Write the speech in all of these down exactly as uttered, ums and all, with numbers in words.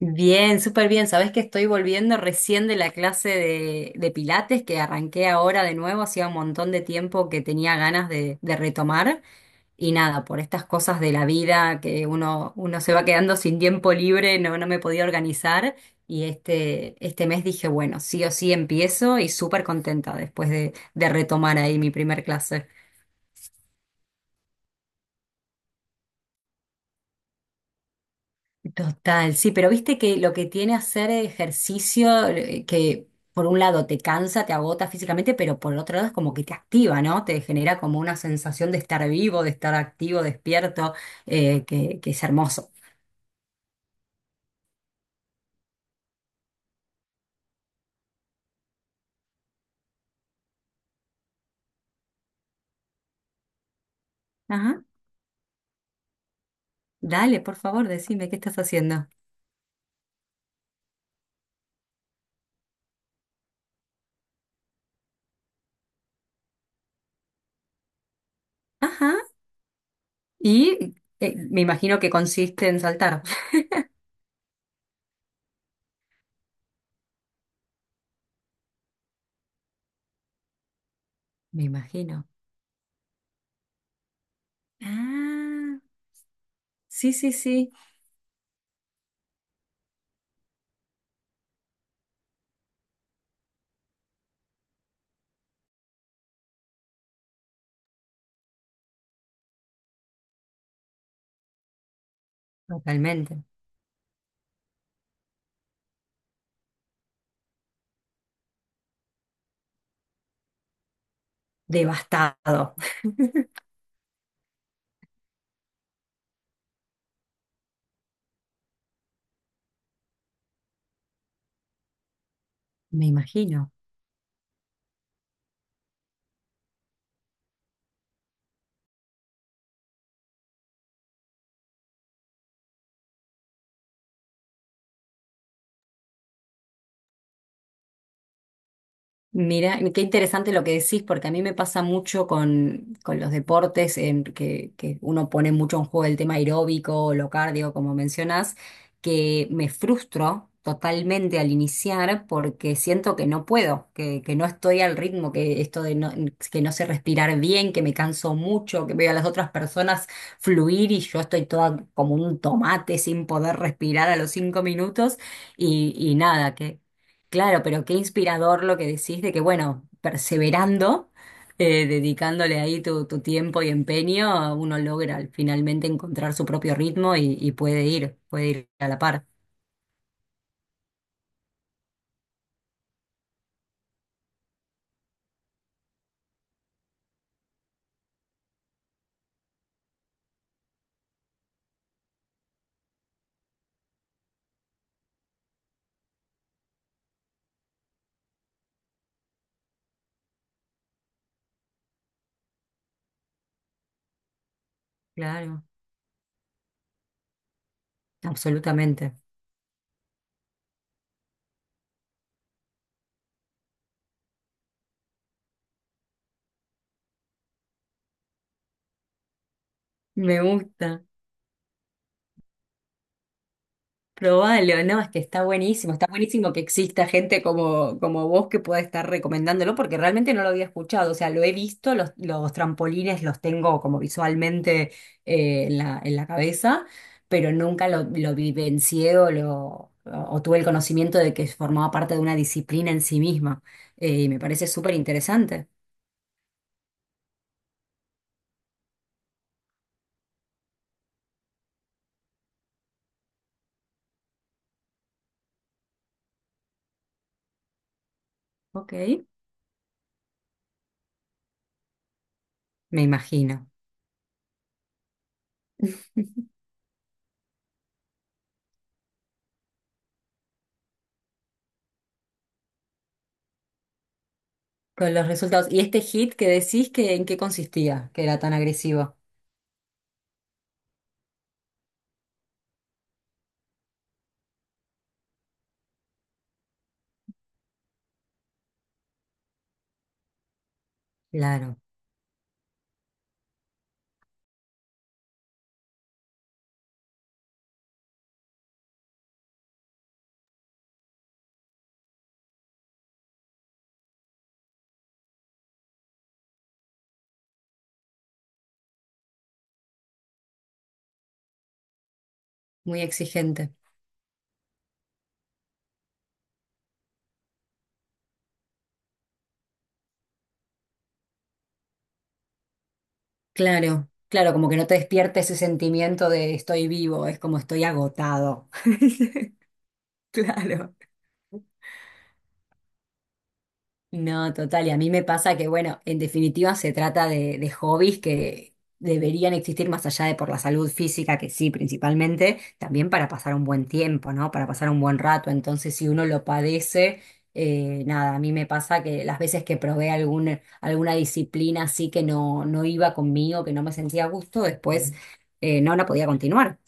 Bien, súper bien. Sabés que estoy volviendo recién de la clase de, de Pilates que arranqué ahora de nuevo. Hacía un montón de tiempo que tenía ganas de, de retomar. Y nada, por estas cosas de la vida que uno, uno se va quedando sin tiempo libre, no, no me podía organizar. Y este, este mes dije, bueno, sí o sí empiezo y súper contenta después de, de retomar ahí mi primer clase. Total, sí, pero viste que lo que tiene hacer ejercicio, eh, que por un lado te cansa, te agota físicamente, pero por el otro lado es como que te activa, ¿no? Te genera como una sensación de estar vivo, de estar activo, despierto, eh, que, que es hermoso. Ajá, dale, por favor, decime qué estás haciendo. Ajá, y eh, me imagino que consiste en saltar. Me imagino. Ah, sí, sí, sí, totalmente. Devastado. Me imagino. Mira, qué interesante lo que decís, porque a mí me pasa mucho con, con los deportes en que, que uno pone mucho en juego el tema aeróbico o lo cardio, como mencionás, que me frustro totalmente al iniciar porque siento que no puedo, que, que no estoy al ritmo, que esto de no, que no sé respirar bien, que me canso mucho, que veo a las otras personas fluir y yo estoy toda como un tomate sin poder respirar a los cinco minutos y, y nada, Claro, pero qué inspirador lo que decís de que, bueno, perseverando, eh, dedicándole ahí tu, tu tiempo y empeño, uno logra finalmente encontrar su propio ritmo y, y puede ir, puede ir a la par. Claro, absolutamente. Me gusta. Probalo, no, es que está buenísimo, está buenísimo que exista gente como, como vos que pueda estar recomendándolo, porque realmente no lo había escuchado, o sea, lo he visto, los, los trampolines los tengo como visualmente eh, en la, en la cabeza, pero nunca lo, lo vivencié o, lo, o tuve el conocimiento de que formaba parte de una disciplina en sí misma, eh, y me parece súper interesante. Ok, me imagino. Con los resultados. ¿Y este hit que decís que en qué consistía, que era tan agresivo? Claro, muy exigente. Claro, claro, como que no te despierta ese sentimiento de estoy vivo, es como estoy agotado. Claro. No, total, y a mí me pasa que, bueno, en definitiva se trata de, de hobbies que deberían existir más allá de por la salud física, que sí, principalmente, también para pasar un buen tiempo, ¿no? Para pasar un buen rato. Entonces, si uno lo padece, eh, nada, a mí me pasa que las veces que probé algún, alguna disciplina así que no, no iba conmigo, que no me sentía a gusto, después eh, no la podía continuar.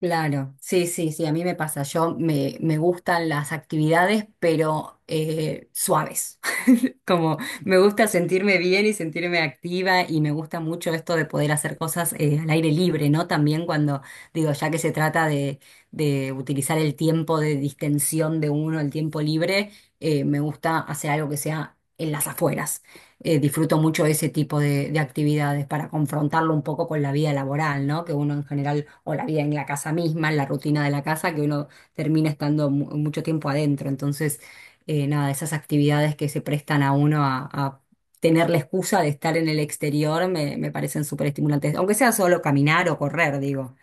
Claro, sí, sí, sí, a mí me pasa. Yo me, me gustan las actividades, pero eh, suaves. Como me gusta sentirme bien y sentirme activa y me gusta mucho esto de poder hacer cosas eh, al aire libre, ¿no? También cuando digo, ya que se trata de, de utilizar el tiempo de distensión de uno, el tiempo libre, eh, me gusta hacer algo que sea en las afueras. Eh, disfruto mucho ese tipo de, de actividades para confrontarlo un poco con la vida laboral, ¿no? Que uno en general, o la vida en la casa misma, en la rutina de la casa, que uno termina estando mu- mucho tiempo adentro. Entonces eh, nada, esas actividades que se prestan a uno a, a tener la excusa de estar en el exterior me, me parecen súper estimulantes, aunque sea solo caminar o correr, digo.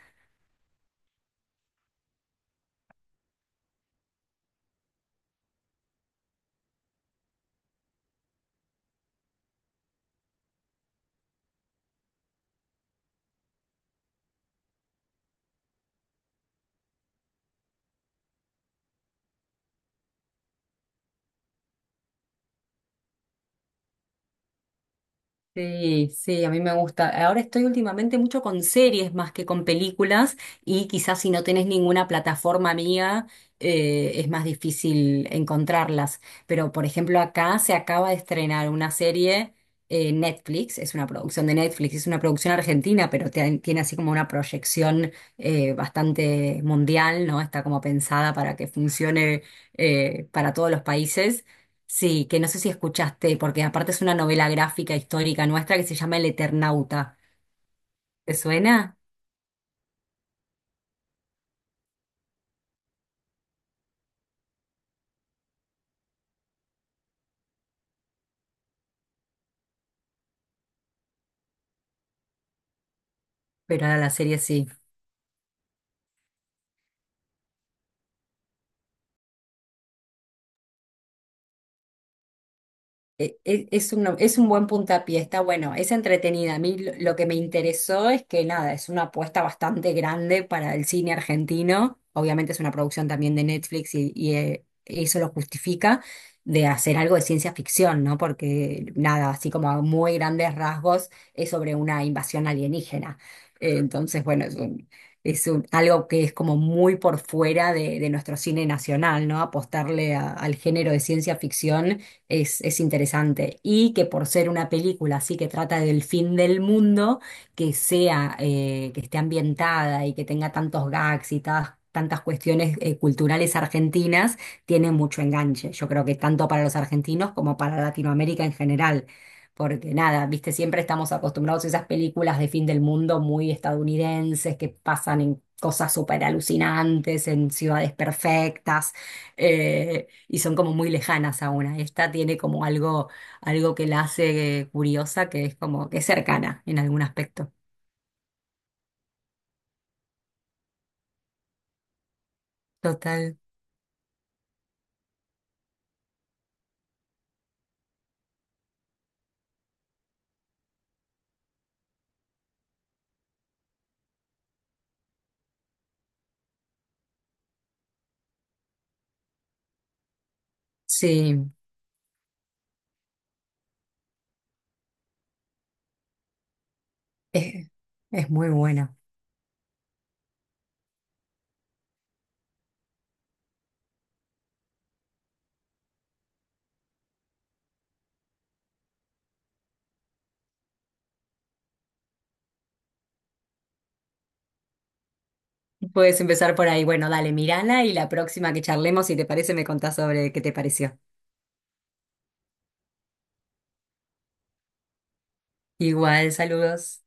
Sí, sí, a mí me gusta. Ahora estoy últimamente mucho con series más que con películas y quizás si no tenés ninguna plataforma mía eh, es más difícil encontrarlas. Pero por ejemplo acá se acaba de estrenar una serie eh, Netflix, es una producción de Netflix, es una producción argentina, pero te- tiene así como una proyección eh, bastante mundial, ¿no? Está como pensada para que funcione eh, para todos los países. Sí, que no sé si escuchaste, porque aparte es una novela gráfica histórica nuestra que se llama El Eternauta. ¿Te suena? Pero ahora la serie sí. e- e- Es un, es un buen puntapié, está bueno, es entretenida. A mí lo, lo que me interesó es que nada, es una apuesta bastante grande para el cine argentino. Obviamente es una producción también de Netflix y, y, eh, eso lo justifica de hacer algo de ciencia ficción, ¿no? Porque nada, así como a muy grandes rasgos, es sobre una invasión alienígena. Eh, Entonces, bueno, es un, es un- algo que es como muy por fuera de, de nuestro cine nacional, ¿no? Apostarle a- al género de ciencia ficción es, es interesante. Y que por ser una película así que trata del fin del mundo, que sea, eh, que esté ambientada y que tenga tantos gags y tas- tantas cuestiones eh, culturales argentinas, tiene mucho enganche. Yo creo que tanto para los argentinos como para Latinoamérica en general. Porque nada, viste, siempre estamos acostumbrados a esas películas de fin del mundo muy estadounidenses que pasan en cosas súper alucinantes, en ciudades perfectas. eh, y son como muy lejanas a una. Esta tiene como algo, algo que la hace curiosa, que es como que es cercana en algún aspecto. Total. Sí, es, es muy buena. Puedes empezar por ahí. Bueno, dale, mirala y la próxima que charlemos, si te parece, me contás sobre qué te pareció. Igual, saludos.